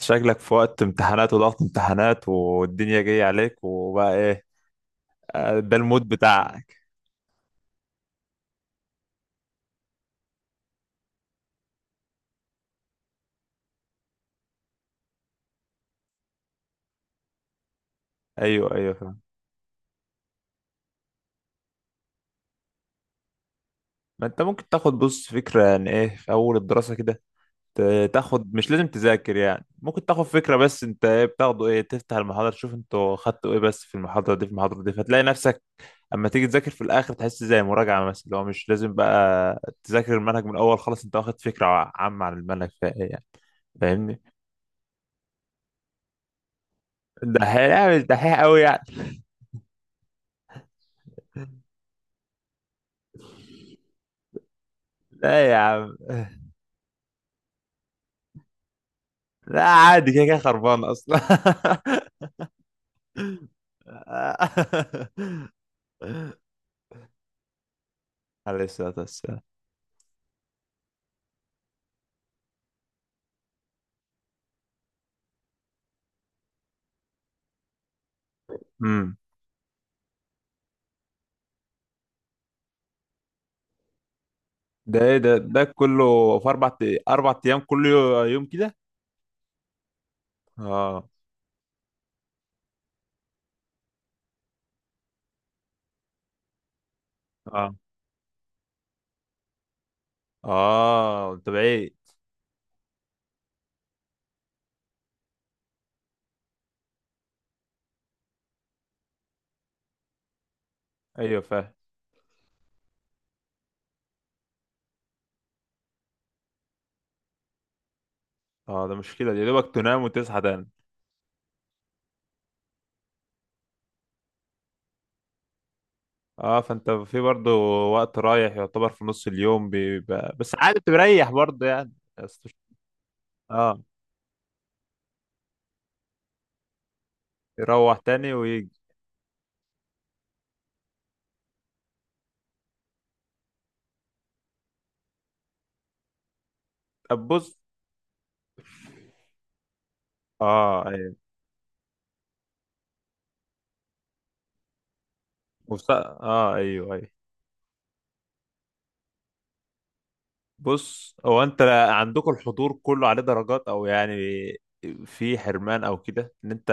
شكلك في وقت امتحانات وضغط امتحانات والدنيا جاية عليك وبقى ايه؟ ده المود بتاعك. ايوه ايوه، فاهم. ما انت ممكن تاخد بص فكرة عن ايه في اول الدراسة كده، تاخد، مش لازم تذاكر يعني، ممكن تاخد فكرة بس. انت ايه بتاخده؟ ايه، تفتح المحاضرة تشوف انتوا خدتوا ايه بس في المحاضرة دي، فتلاقي نفسك اما تيجي تذاكر في الاخر تحس زي مراجعة مثلا، اللي هو مش لازم بقى تذاكر المنهج من الاول، خلاص انت واخد فكرة عامة عن المنهج، فايه يعني؟ فاهمني؟ ده هيعمل دحيح قوي يعني؟ لا يا عم لا، عادي، كده كده خربان اصلا. عليه الصلاة والسلام. امم ده ايه ده؟ ده كله في اربع، اربع ايام، كل يوم كده؟ اه. اه، اه، انت بعيد. ايوه فاهم. اه، ده مشكلة دي، يا دوبك تنام وتصحى تاني. اه، فانت في برضه وقت رايح، يعتبر في نص اليوم بيبقى، بس عادي بتريح برضه يعني. بس مش- اه، يروح تاني ويجي. طب بص. اه ايوه، اه ايوه ايوه. بص هو انت عندكم الحضور كله عليه درجات او يعني في حرمان او كده، ان انت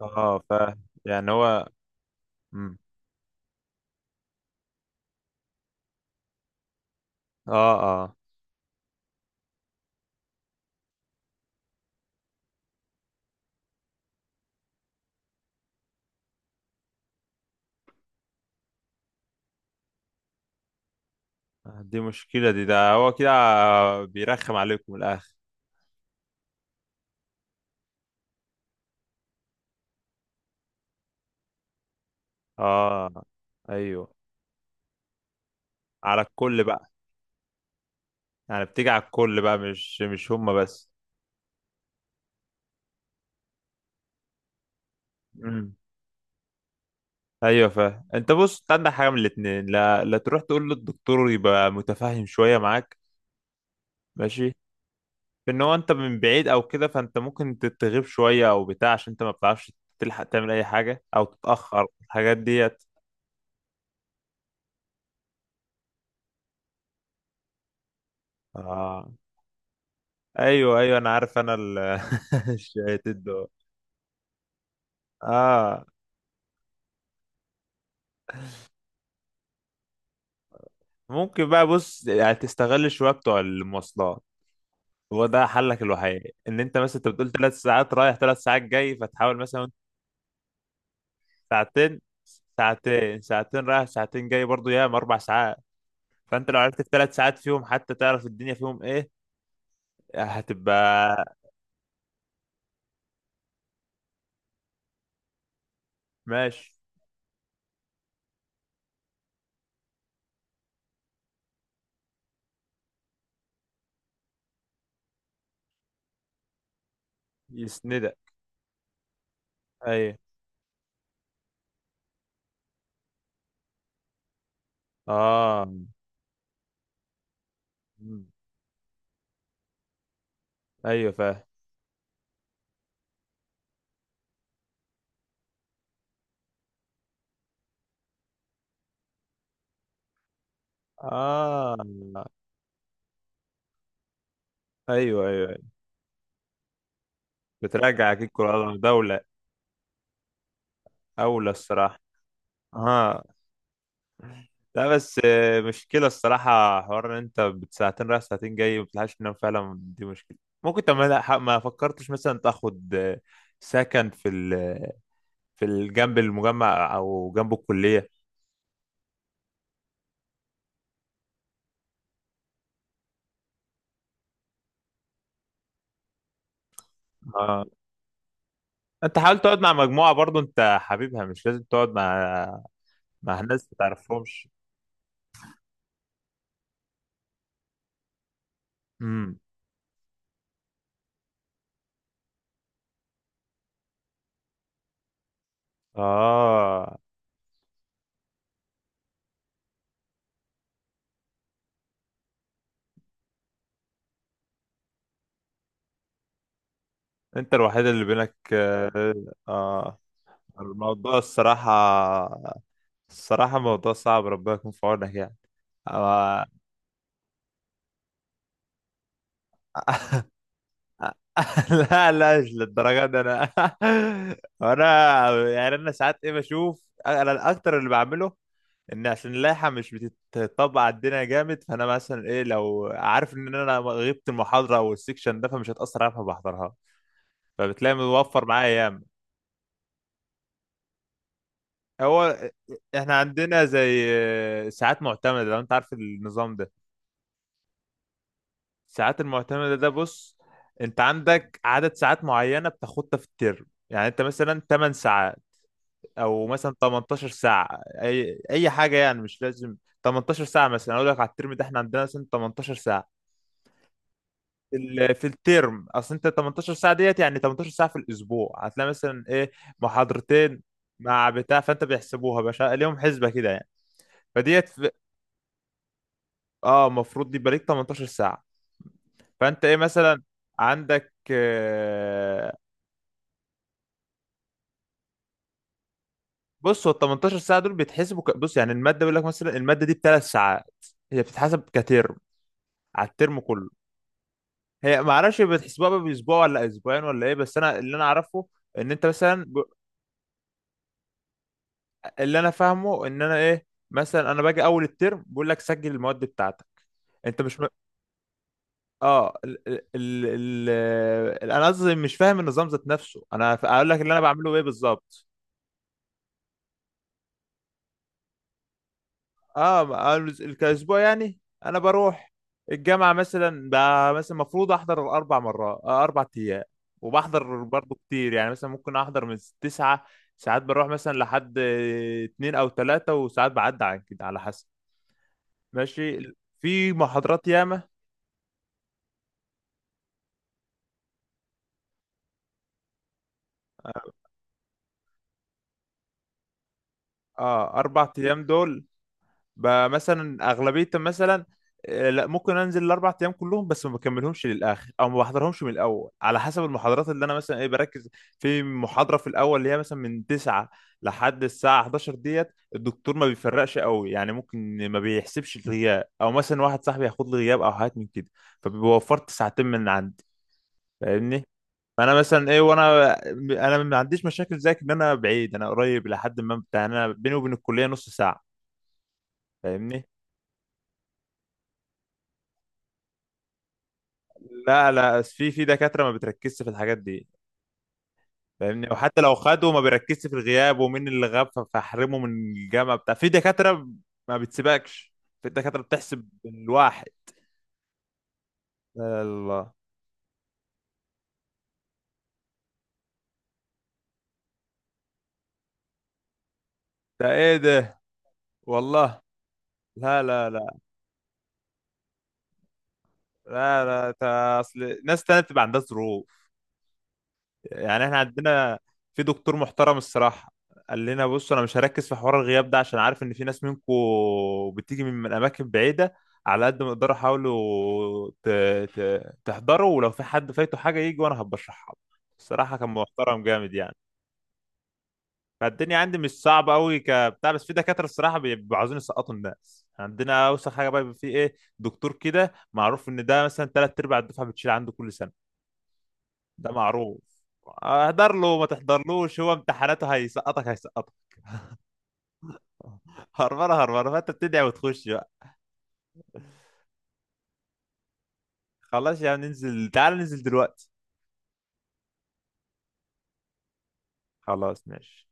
اه، ف يعني هو مم. اه، اه، دي مشكلة دي، ده هو كده بيرخم عليكم من الاخر. اه ايوه، على الكل بقى، يعني بتيجي على الكل بقى مش هما بس. مم. ايوه فاهم. انت بص، انت عندك حاجة من الاتنين، لا، تروح تقول للدكتور يبقى متفاهم شوية معاك. ماشي، ان هو انت من بعيد او كده، فانت ممكن تتغيب شويه او بتاع عشان انت ما بتعرفش تلحق تعمل اي حاجه او تتاخر الحاجات ديت. اه ايوه ايوه، انا عارف، انا الشيات دول. اه، ممكن بقى بص يعني تستغل شويه بتوع المواصلات، هو ده حلك الوحيد. ان انت مثلا، انت بتقول ثلاث ساعات رايح ثلاث ساعات جاي، فتحاول مثلا ساعتين، ساعتين رايح ساعتين جاي، برضو ياما اربع ساعات، فانت لو عرفت في ثلاث ساعات فيهم حتى تعرف الدنيا فيهم ايه هتبقى ماشي. يسندك. ايوه. اه. مم. ايوه فاهم. اه ايوه ايوه. أيوة. بترجع كيك كل دولة. اولى الصراحة. اه، لا بس مشكلة الصراحة حوار ان انت بساعتين رايح ساعتين جاي ما بتلحقش تنام، فعلا دي مشكلة. ممكن طب ما لا، ما فكرتش مثلا تاخد سكن في ال جنب المجمع او جنب الكلية؟ اه، انت حاول تقعد مع مجموعة برضو انت حبيبها، مش لازم تقعد مع، مع ناس ما تعرفهمش. امم. اه، انت الوحيد اللي بينك، اه. آه. الموضوع الصراحة، الصراحة موضوع صعب، ربنا يكون في عونك يعني. آه. لا لا، مش للدرجة دي انا. انا يعني انا ساعات ايه بشوف، انا الاكتر اللي بعمله ان عشان اللائحه مش بتطبق على الدنيا جامد، فانا مثلا ايه، لو عارف ان انا غبت المحاضره او السكشن ده فمش هتاثر عليها فبحضرها، فبتلاقي موفر معايا. هو احنا عندنا زي ساعات معتمدة، لو انت عارف النظام ده، الساعات المعتمدة ده بص، انت عندك عدد ساعات معينة بتاخدها في الترم، يعني انت مثلا 8 ساعات او مثلا 18 ساعة، اي حاجة يعني، مش لازم. 18 ساعة مثلا، اقول لك على الترم ده احنا عندنا مثلا 18 ساعة في ال- في الترم، اصل انت 18 ساعة ديت يعني 18 ساعة في الاسبوع، هتلاقي مثلا ايه، محاضرتين مع بتاع، فانت بيحسبوها باشا ليهم حسبة كده يعني، فديت. اه، المفروض يبقى ليك 18 ساعة، فانت ايه مثلا عندك بص، هو ال 18 ساعة دول بيتحسبوا بص يعني المادة بيقول لك مثلا المادة دي بثلاث ساعات، هي بتتحسب كترم، على الترم كله. هي ما اعرفش بتحسبوها بقى باسبوع ولا اسبوعين ولا ايه، بس انا اللي انا اعرفه ان انت مثلا اللي انا فاهمه ان انا ايه، مثلا انا باجي اول الترم بقول لك سجل المواد بتاعتك، انت مش اه انا قصدي مش فاهم النظام ذات نفسه، انا اقول لك اللي انا بعمله ايه بالظبط. اه أنا كاسبوع يعني، انا بروح الجامعه مثلا مثلا المفروض احضر اربع مرات، اربع ايام، وبحضر برضه كتير يعني، مثلا ممكن احضر من تسعة ساعات، بروح مثلا لحد اتنين او تلاتة، وساعات بعدي عن كده على حسب. ماشي، في محاضرات ياما. اه اربع ايام دول مثلا اغلبيه مثلا لا، ممكن انزل الاربع ايام كلهم بس ما بكملهمش للاخر او ما بحضرهمش من الاول، على حسب المحاضرات اللي انا مثلا ايه بركز في محاضره في الاول، اللي هي مثلا من 9 لحد الساعه 11 ديت، الدكتور ما بيفرقش قوي يعني، ممكن ما بيحسبش الغياب، او مثلا واحد صاحبي هياخد لي غياب او حاجات من كده، فبيوفرت ساعتين من عندي، فاهمني؟ فانا مثلا ايه، وانا، انا ما عنديش مشاكل زيك ان انا بعيد، انا قريب لحد ما بتاع، انا بيني وبين الكليه نص ساعه، فاهمني؟ لا لا، في دكاترة ما بتركزش في الحاجات دي فاهمني، وحتى لو خدوا ما بيركزش في الغياب ومين اللي غاب فاحرمه من الجامعة بتاع. في دكاترة ما بتسيبكش، في دكاترة بتحسب بالواحد. يا الله، ده ايه ده؟ والله. لا، لا ده اصل ناس تانية بتبقى عندها ظروف، يعني احنا عندنا في دكتور محترم الصراحة، قال لنا بص انا مش هركز في حوار الغياب ده عشان عارف ان في ناس منكم بتيجي من اماكن بعيدة، على قد ما تقدروا حاولوا تحضروا، ولو في حد فايته حاجة يجي وانا هبشرحها له. الصراحة كان محترم جامد يعني. فالدنيا عندي مش صعبة قوي كبتاع، بس في دكاترة الصراحة بيبقوا عاوزين يسقطوا الناس. عندنا اوسخ حاجة بقى، بيبقى في ايه دكتور كده معروف ان ده مثلا تلات ارباع الدفعة بتشيل عنده كل سنة. ده معروف، اهدر له ما تحضرلوش، هو امتحاناته هيسقطك هيسقطك. هربانه هربانه، فانت بتدعي وتخش بقى. خلاص يا عم ننزل، تعال ننزل دلوقتي. خلاص ماشي.